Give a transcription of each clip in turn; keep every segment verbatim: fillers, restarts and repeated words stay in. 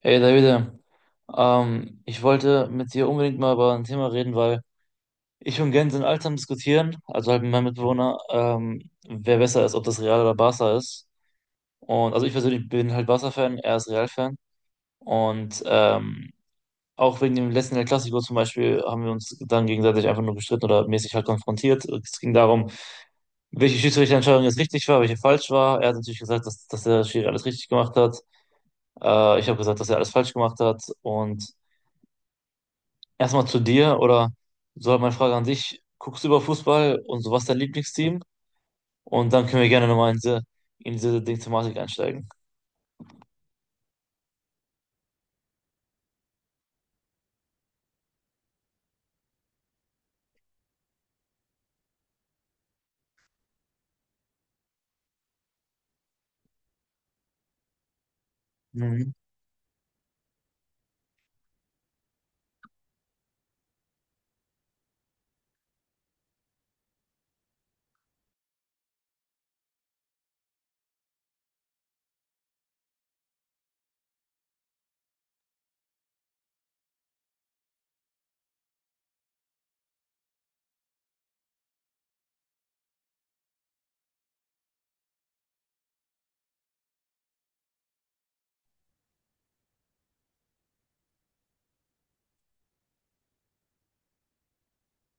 Hey Davide, ähm, ich wollte mit dir unbedingt mal über ein Thema reden, weil ich und Gens sind alt am Diskutieren, also halt mit meinem Mitbewohner, ähm, wer besser ist, ob das Real oder Barca ist. Und also ich persönlich bin halt Barca-Fan, er ist Real-Fan. Und ähm, Auch wegen dem letzten El Clasico zum Beispiel haben wir uns dann gegenseitig einfach nur gestritten oder mäßig halt konfrontiert. Es ging darum, welche Schiedsrichterentscheidung jetzt richtig war, welche falsch war. Er hat natürlich gesagt, dass, dass der Schiri alles richtig gemacht hat. Äh, ich habe gesagt, dass er alles falsch gemacht hat. Und erstmal zu dir oder so halt meine Frage an dich. Guckst du über Fußball und so, was ist dein Lieblingsteam? Und dann können wir gerne nochmal in diese, in diese Ding-Thematik einsteigen. Mhm.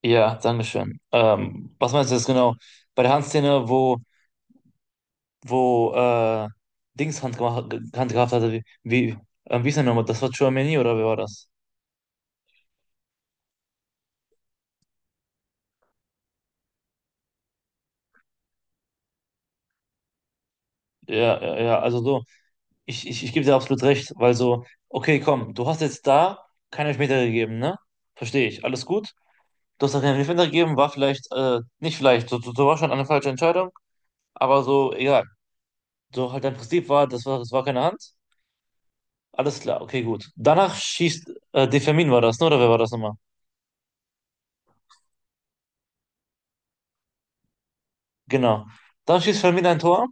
Ja, Dankeschön. Ähm, was meinst du jetzt genau? Bei der Handszene, wo, wo äh, Dings Hand, gemacht, Hand gehabt hatte, wie, wie, ähm, wie ist der nochmal? Das war Tchouaméni oder wer war das? Ja, ja, ja, also so, ich, ich, ich gebe dir absolut recht, weil so, okay, komm, du hast jetzt da keinen Elfmeter gegeben, ne? Verstehe ich, alles gut. Du hast da keinen Elfmeter gegeben, war vielleicht, äh, nicht vielleicht, so, so, so war schon eine falsche Entscheidung, aber so, egal. So halt dein Prinzip war, das war, das war keine Hand. Alles klar, okay, gut. Danach schießt, äh, De Firmin war das, ne? Oder wer war das nochmal? Genau. Dann schießt Firmin ein Tor,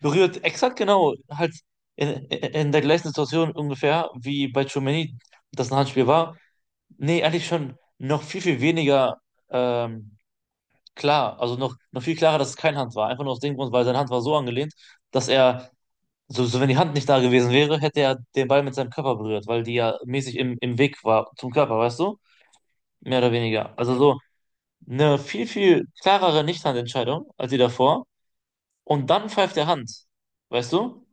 berührt exakt genau, halt in, in in der gleichen Situation ungefähr, wie bei Tchouaméni das ein Handspiel war. Nee, eigentlich schon noch viel, viel weniger ähm, klar, also noch, noch viel klarer, dass es kein Hand war. Einfach nur aus dem Grund, weil seine Hand war so angelehnt, dass er. So, so wenn die Hand nicht da gewesen wäre, hätte er den Ball mit seinem Körper berührt, weil die ja mäßig im, im Weg war zum Körper, weißt du? Mehr oder weniger. Also so eine viel, viel klarere Nichthandentscheidung als die davor. Und dann pfeift der Hand, weißt du?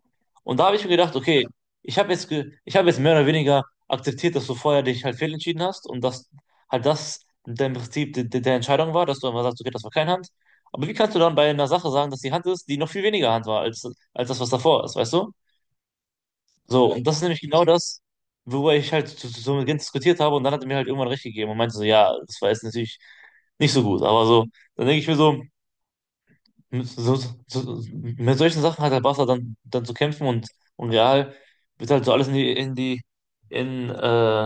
Und da habe ich mir gedacht, okay, ich habe jetzt, ge ich habe jetzt mehr oder weniger akzeptiert, dass du vorher dich halt fehlentschieden hast und dass halt das dein Prinzip de de der Entscheidung war, dass du einfach sagst, okay, das war keine Hand. Aber wie kannst du dann bei einer Sache sagen, dass die Hand ist, die noch viel weniger Hand war als, als das, was davor ist, weißt du? So, und das ist nämlich genau das, worüber ich halt so, so mit Gent diskutiert habe und dann hat er mir halt irgendwann recht gegeben und meinte so, ja, das war jetzt natürlich nicht so gut, aber so, dann denke ich mir so, mit, so, so, so, mit solchen Sachen hat der Barca dann, dann zu kämpfen und, und Real wird halt so alles in die, in die, in, äh,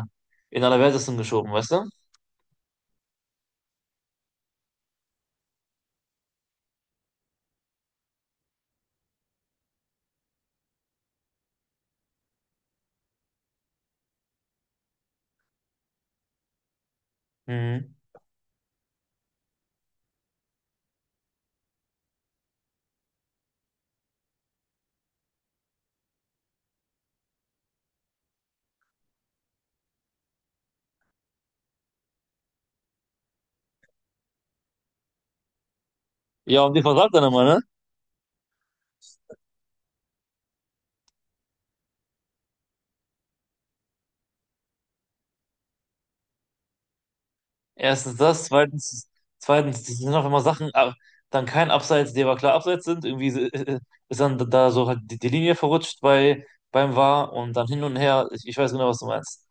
in Allerwertesten geschoben, weißt du? Mhm. Ja, und die versagt dann immer, ne? Erstens das, zweitens, zweitens, das sind auch immer Sachen, ah, dann kein Abseits, die aber klar Abseits sind. Irgendwie so, äh, äh, ist dann da so halt die, die Linie verrutscht bei, beim V A R und dann hin und her. Ich, ich weiß genau, was du meinst.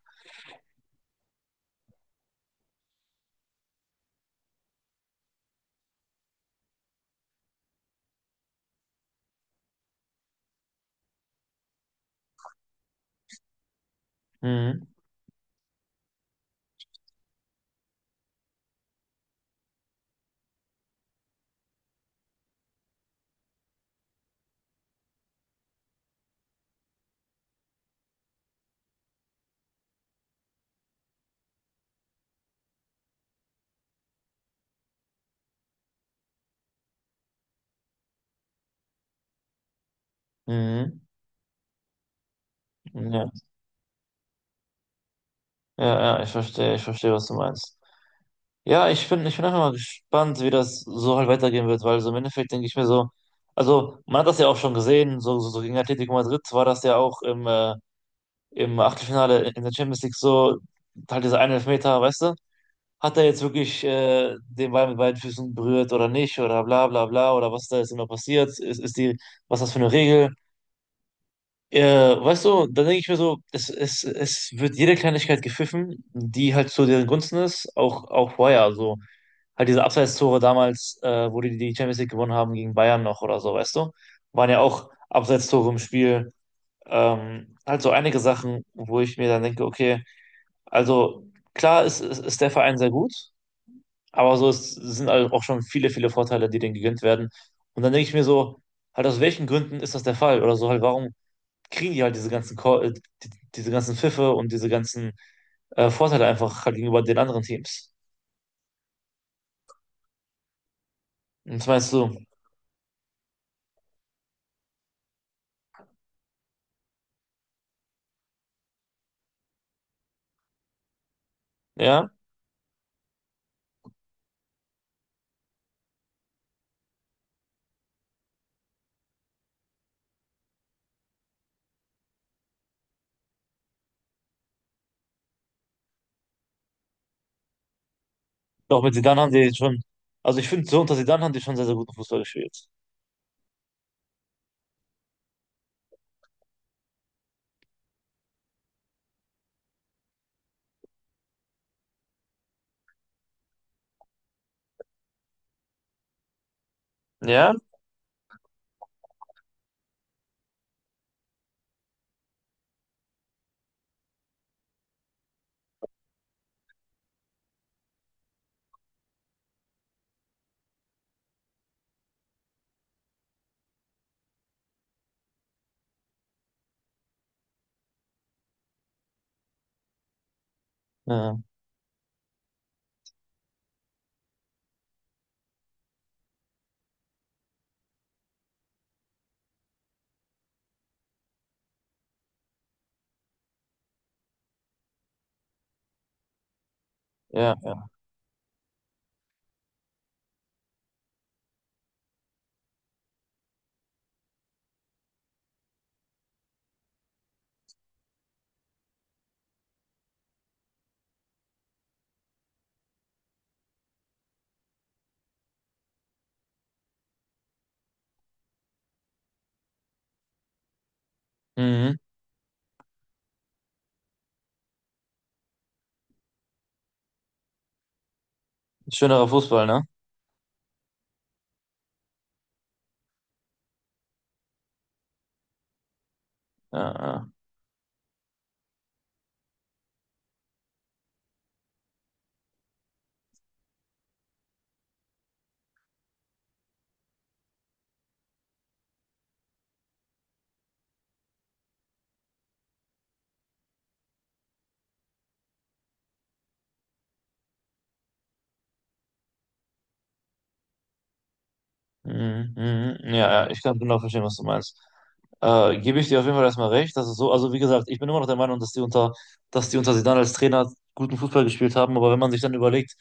Mhm. Mhm. Ja. Ja, ja, ich verstehe, ich verstehe, was du meinst. Ja, ich bin, ich bin einfach mal gespannt, wie das so halt weitergehen wird, weil so im Endeffekt denke ich mir so, also man hat das ja auch schon gesehen, so, so, so gegen Atletico Madrid war das ja auch im, äh, im Achtelfinale in der Champions League so, halt dieser eine Elfmeter, weißt du? Hat er jetzt wirklich äh, den Ball mit beiden Füßen berührt oder nicht oder bla bla bla oder was da jetzt immer passiert, ist, ist die, was ist das für eine Regel? Äh, Weißt du, dann denke ich mir so, es, es, es wird jede Kleinigkeit gepfiffen, die halt zu deren Gunsten ist, auch, auch vorher, also halt diese Abseits-Tore damals, äh, wo die die Champions League gewonnen haben gegen Bayern noch oder so, weißt du, waren ja auch Abseits-Tore im Spiel, ähm, halt so einige Sachen, wo ich mir dann denke, okay, also klar ist, ist, ist der Verein sehr gut, aber so es sind halt auch schon viele, viele Vorteile, die denen gegönnt werden. Und dann denke ich mir so, halt aus welchen Gründen ist das der Fall? Oder so halt, warum kriegen die halt diese ganzen, Call, äh, die, diese ganzen Pfiffe und diese ganzen äh, Vorteile einfach halt gegenüber den anderen Teams? Und was meinst du? Ja? Doch mit Zidane haben die schon, also ich finde, so unter Zidane haben die schon sehr, sehr guten Fußball gespielt. Ja? Ja, ja, ja. Mhm. Schönerer Fußball, ne? Ja, ja. Mhm, mhm. Ja, ja, ich kann genau verstehen, was du meinst. Äh, gebe ich dir auf jeden Fall erstmal recht, dass es so, also wie gesagt, ich bin immer noch der Meinung, dass die unter, dass die unter Zidane als Trainer guten Fußball gespielt haben, aber wenn man sich dann überlegt,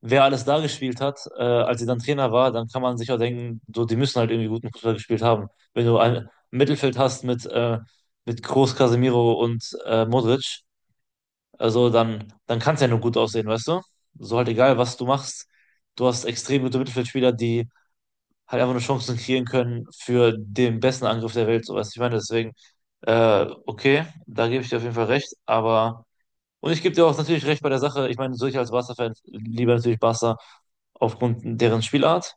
wer alles da gespielt hat, äh, als sie dann Trainer war, dann kann man sich auch denken, so, die müssen halt irgendwie guten Fußball gespielt haben. Wenn du ein Mittelfeld hast mit, äh, mit Kroos, Casemiro und äh, Modric, also dann, dann kann es ja nur gut aussehen, weißt du? So halt egal, was du machst, du hast extrem gute Mittelfeldspieler, die halt einfach eine Chance kreieren können für den besten Angriff der Welt, so weißt du, ich meine, deswegen, äh, okay, da gebe ich dir auf jeden Fall recht, aber, und ich gebe dir auch natürlich recht bei der Sache, ich meine, so ich als Barca-Fan lieber natürlich Barca aufgrund deren Spielart,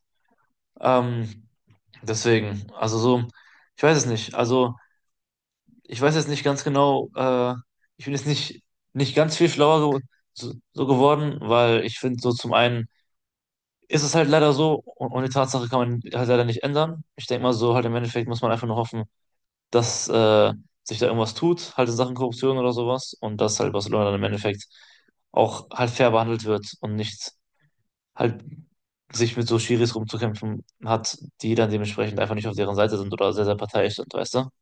ähm, deswegen, also so, ich weiß es nicht, also, ich weiß jetzt nicht ganz genau, äh, ich bin jetzt nicht, nicht ganz viel schlauer so, so, so geworden, weil ich finde so zum einen, ist es halt leider so und, und die Tatsache kann man halt leider nicht ändern. Ich denke mal so, halt im Endeffekt muss man einfach nur hoffen, dass äh, sich da irgendwas tut, halt in Sachen Korruption oder sowas und dass halt Barcelona dann im Endeffekt auch halt fair behandelt wird und nicht halt sich mit so Schiris rumzukämpfen hat, die dann dementsprechend einfach nicht auf deren Seite sind oder sehr, sehr parteiisch sind, weißt du?